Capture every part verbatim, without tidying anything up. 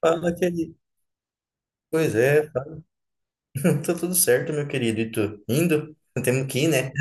Fala, querido. Pois é, fala. Tá tudo certo, meu querido. E tu? Indo? Temos que ir, né?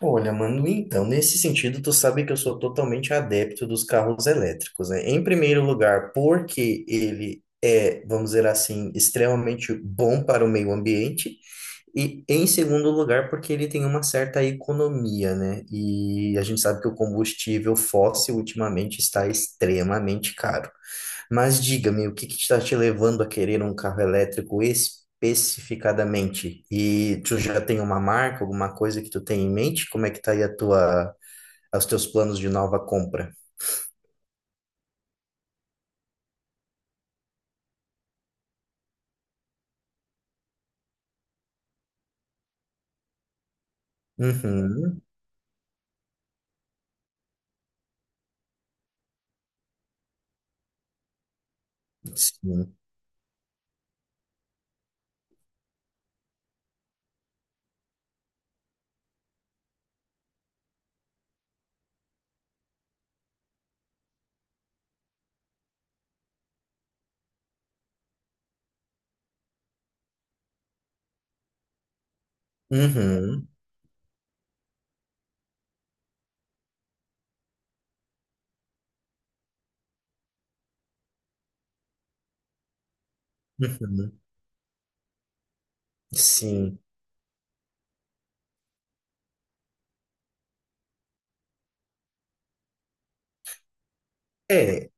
Olha, mano, então, nesse sentido, tu sabe que eu sou totalmente adepto dos carros elétricos, né? Em primeiro lugar, porque ele é, vamos dizer assim, extremamente bom para o meio ambiente. E em segundo lugar, porque ele tem uma certa economia, né? E a gente sabe que o combustível fóssil ultimamente está extremamente caro. Mas diga-me, o que que está te levando a querer um carro elétrico especificadamente? E tu já tem uma marca, alguma coisa que tu tem em mente? Como é que tá aí a tua, os teus planos de nova compra? Uhum, sim. Uhum, uhum, sim. É,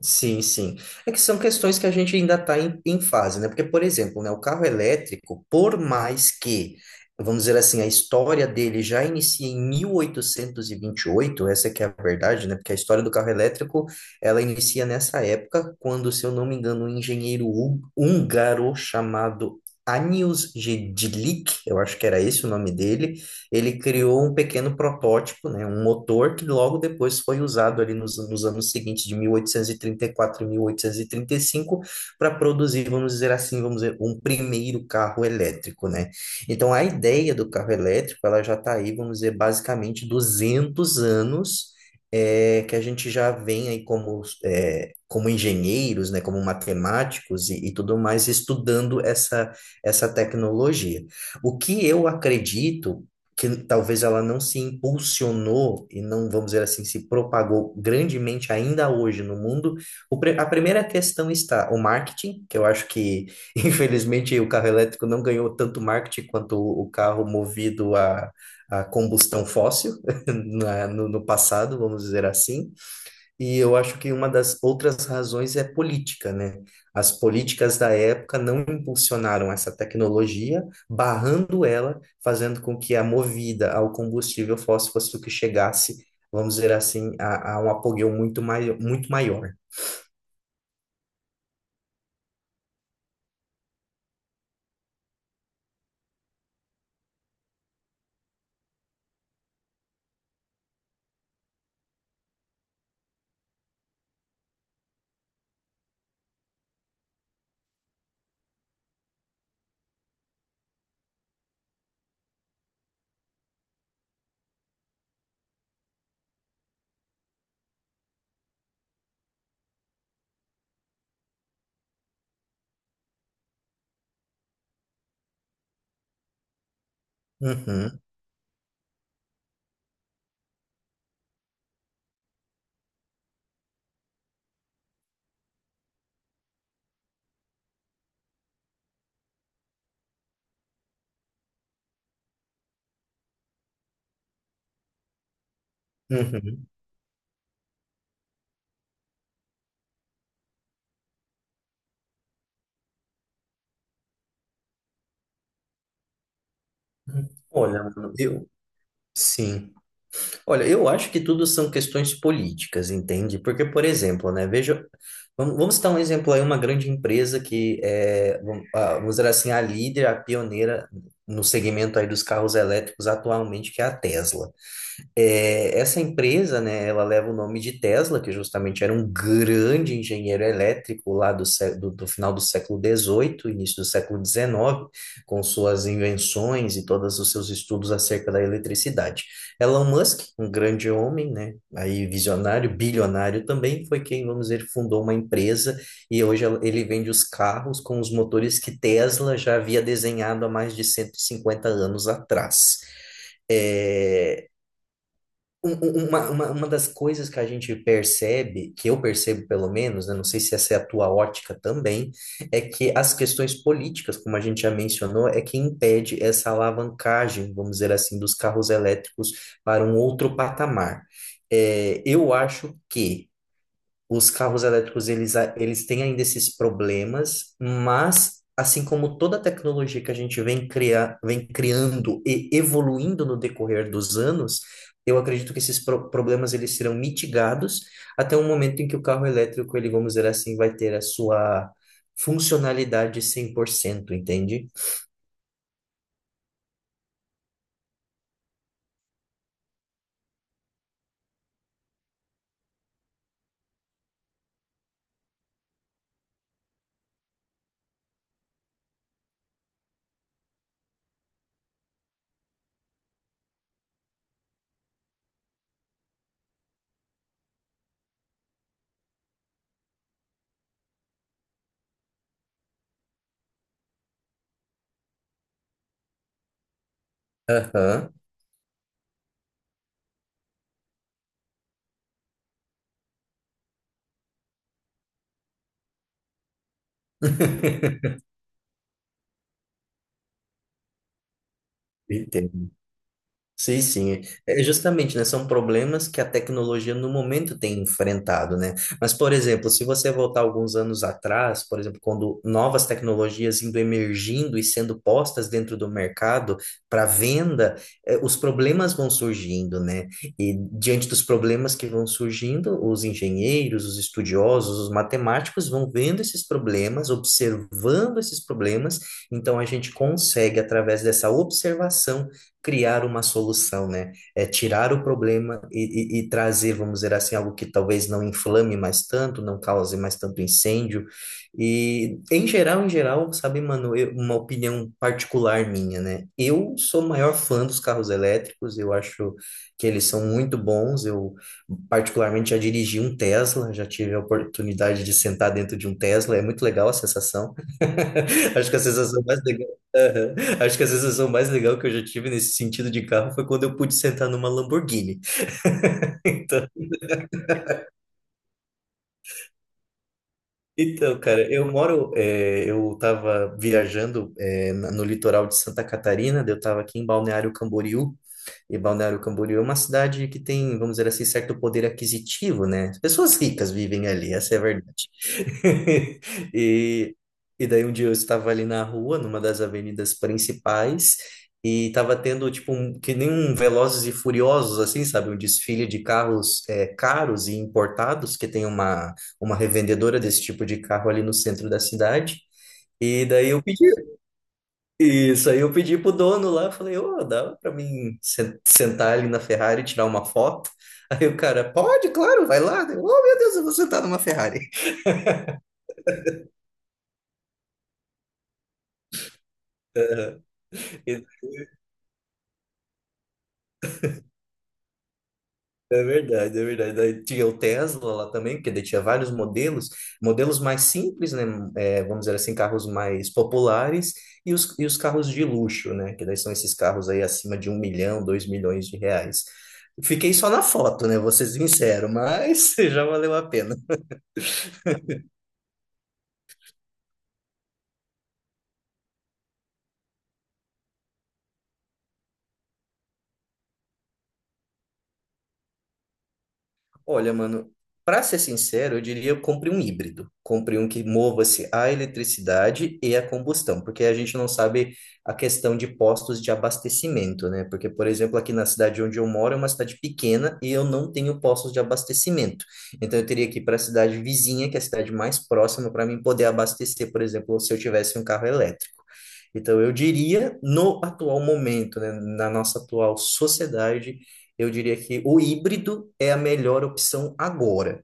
sim, sim. É que são questões que a gente ainda está em, em fase, né? Porque, por exemplo, né, o carro elétrico, por mais que, vamos dizer assim, a história dele já inicia em mil oitocentos e e vinte e oito, essa é que é a verdade, né? Porque a história do carro elétrico, ela inicia nessa época, quando, se eu não me engano, um engenheiro hú- húngaro chamado Anius Gedlik, eu acho que era esse o nome dele, ele criou um pequeno protótipo, né, um motor que logo depois foi usado ali nos, nos anos seguintes, de mil oitocentos e trinta e quatro e mil oitocentos e trinta e cinco, para produzir, vamos dizer assim, vamos dizer, um primeiro carro elétrico, né? Então, a ideia do carro elétrico, ela já está aí, vamos dizer, basicamente duzentos anos, é, que a gente já vem aí como, é, como engenheiros, né, como matemáticos e, e tudo mais, estudando essa, essa tecnologia. O que eu acredito que talvez ela não se impulsionou e não, vamos dizer assim, se propagou grandemente ainda hoje no mundo, o pre- a primeira questão está o marketing, que eu acho que, infelizmente, o carro elétrico não ganhou tanto marketing quanto o o carro movido a, a combustão fóssil na- no, no passado, vamos dizer assim. E eu acho que uma das outras razões é política, né? As políticas da época não impulsionaram essa tecnologia, barrando ela, fazendo com que a movida ao combustível fóssil fosse o que chegasse, vamos dizer assim, a, a um apogeu muito maior, muito maior. Uhum, uhum. Olha, mano, eu, sim. Olha, eu acho que tudo são questões políticas, entende? Porque, por exemplo, né, veja, vamos, vamos citar um exemplo aí, uma grande empresa que é, vamos, ah, vamos dizer assim, a líder, a pioneira no segmento aí dos carros elétricos atualmente, que é a Tesla. É, essa empresa, né, ela leva o nome de Tesla, que justamente era um grande engenheiro elétrico lá do, sé- do, do final do século dezoito, início do século dezenove, com suas invenções e todos os seus estudos acerca da eletricidade. Elon Musk, um grande homem, né, aí visionário, bilionário também, foi quem, vamos dizer, fundou uma empresa e hoje ela- ele vende os carros com os motores que Tesla já havia desenhado há mais de cento e cinquenta anos atrás. É, um- um- um, Uma, uma, uma das coisas que a gente percebe, que eu percebo pelo menos, né, não sei se essa é a tua ótica também, é que as questões políticas, como a gente já mencionou, é que impede essa alavancagem, vamos dizer assim, dos carros elétricos para um outro patamar. É, eu acho que os carros elétricos, eles, a- eles têm ainda esses problemas, mas assim como toda a tecnologia que a gente vem criar, vem criando e evoluindo no decorrer dos anos, eu acredito que esses pro- problemas eles serão mitigados até o momento em que o carro elétrico, ele, vamos dizer assim, vai ter a sua funcionalidade cem por cento, entende? Aham. Entendo. Sim, sim. É, é justamente, né? São problemas que a tecnologia no momento tem enfrentado, né? Mas, por exemplo, se você voltar alguns anos atrás, por exemplo, quando novas tecnologias indo emergindo e sendo postas dentro do mercado para venda, eh, os problemas vão surgindo, né? E diante dos problemas que vão surgindo, os engenheiros, os estudiosos, os matemáticos vão vendo esses problemas, observando esses problemas, então a gente consegue, através dessa observação, criar uma solução, né? É tirar o problema e, e- e trazer, vamos dizer assim, algo que talvez não inflame mais tanto, não cause mais tanto incêndio. E em geral, em geral, sabe, mano, eu- uma opinião particular minha, né? Eu sou o maior fã dos carros elétricos, eu acho que eles são muito bons. Eu particularmente já dirigi um Tesla, já tive a oportunidade de sentar dentro de um Tesla, é muito legal a sensação. Acho que a sensação mais legal, aham. Acho que a sensação mais legal que eu já tive nesse sentido de carro foi quando eu pude sentar numa Lamborghini. Então, Então, cara, eu moro, eh, eu estava viajando, eh, na- no litoral de Santa Catarina, daí eu estava aqui em Balneário Camboriú, e Balneário Camboriú é uma cidade que tem, vamos dizer assim, certo poder aquisitivo, né? As pessoas ricas vivem ali, essa é a verdade. E, e daí um dia eu estava ali na rua, numa das avenidas principais, e estava tendo, tipo, um, que nem um Velozes e Furiosos, assim, sabe? Um desfile de carros, eh, caros e importados, que tem uma uma revendedora desse tipo de carro ali no centro da cidade. E daí eu pedi, isso aí eu pedi pro dono lá, falei, ô, dá pra mim sen- sentar ali na Ferrari e tirar uma foto? Aí o cara, pode, claro, vai lá. Eu, oh, meu Deus, eu vou sentar numa Ferrari. É verdade, é verdade. Daí tinha o Tesla lá também, porque daí tinha vários modelos, modelos mais simples, né? É, vamos dizer assim, carros mais populares e os, e os carros de luxo, né? Que daí são esses carros aí acima de um milhão, dois milhões de reais. Fiquei só na foto, né? Vou ser sincero, mas já valeu a pena. Olha, mano, para ser sincero, eu diria eu compre um híbrido. Compre um que mova-se a eletricidade e a combustão, porque a gente não sabe a questão de postos de abastecimento, né? Porque, por exemplo, aqui na cidade onde eu moro é uma cidade pequena e eu não tenho postos de abastecimento. Então, eu teria que ir para a cidade vizinha, que é a cidade mais próxima, para mim poder abastecer, por exemplo, se eu tivesse um carro elétrico. Então, eu diria, no atual momento, né, na nossa atual sociedade, eu diria que o híbrido é a melhor opção agora.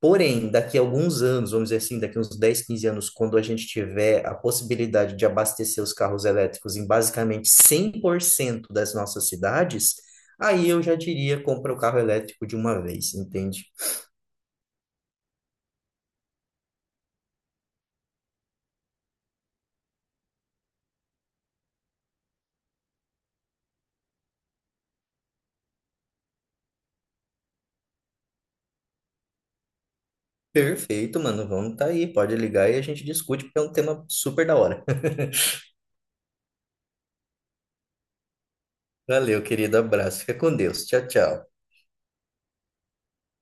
Porém, daqui a alguns anos, vamos dizer assim, daqui a uns dez, quinze anos, quando a gente tiver a possibilidade de abastecer os carros elétricos em basicamente cem por cento das nossas cidades, aí eu já diria, compra o carro elétrico de uma vez, entende? Perfeito, mano, vamos tá aí, pode ligar e a gente discute, porque é um tema super da hora. Valeu, querido, abraço, fica com Deus, tchau, tchau.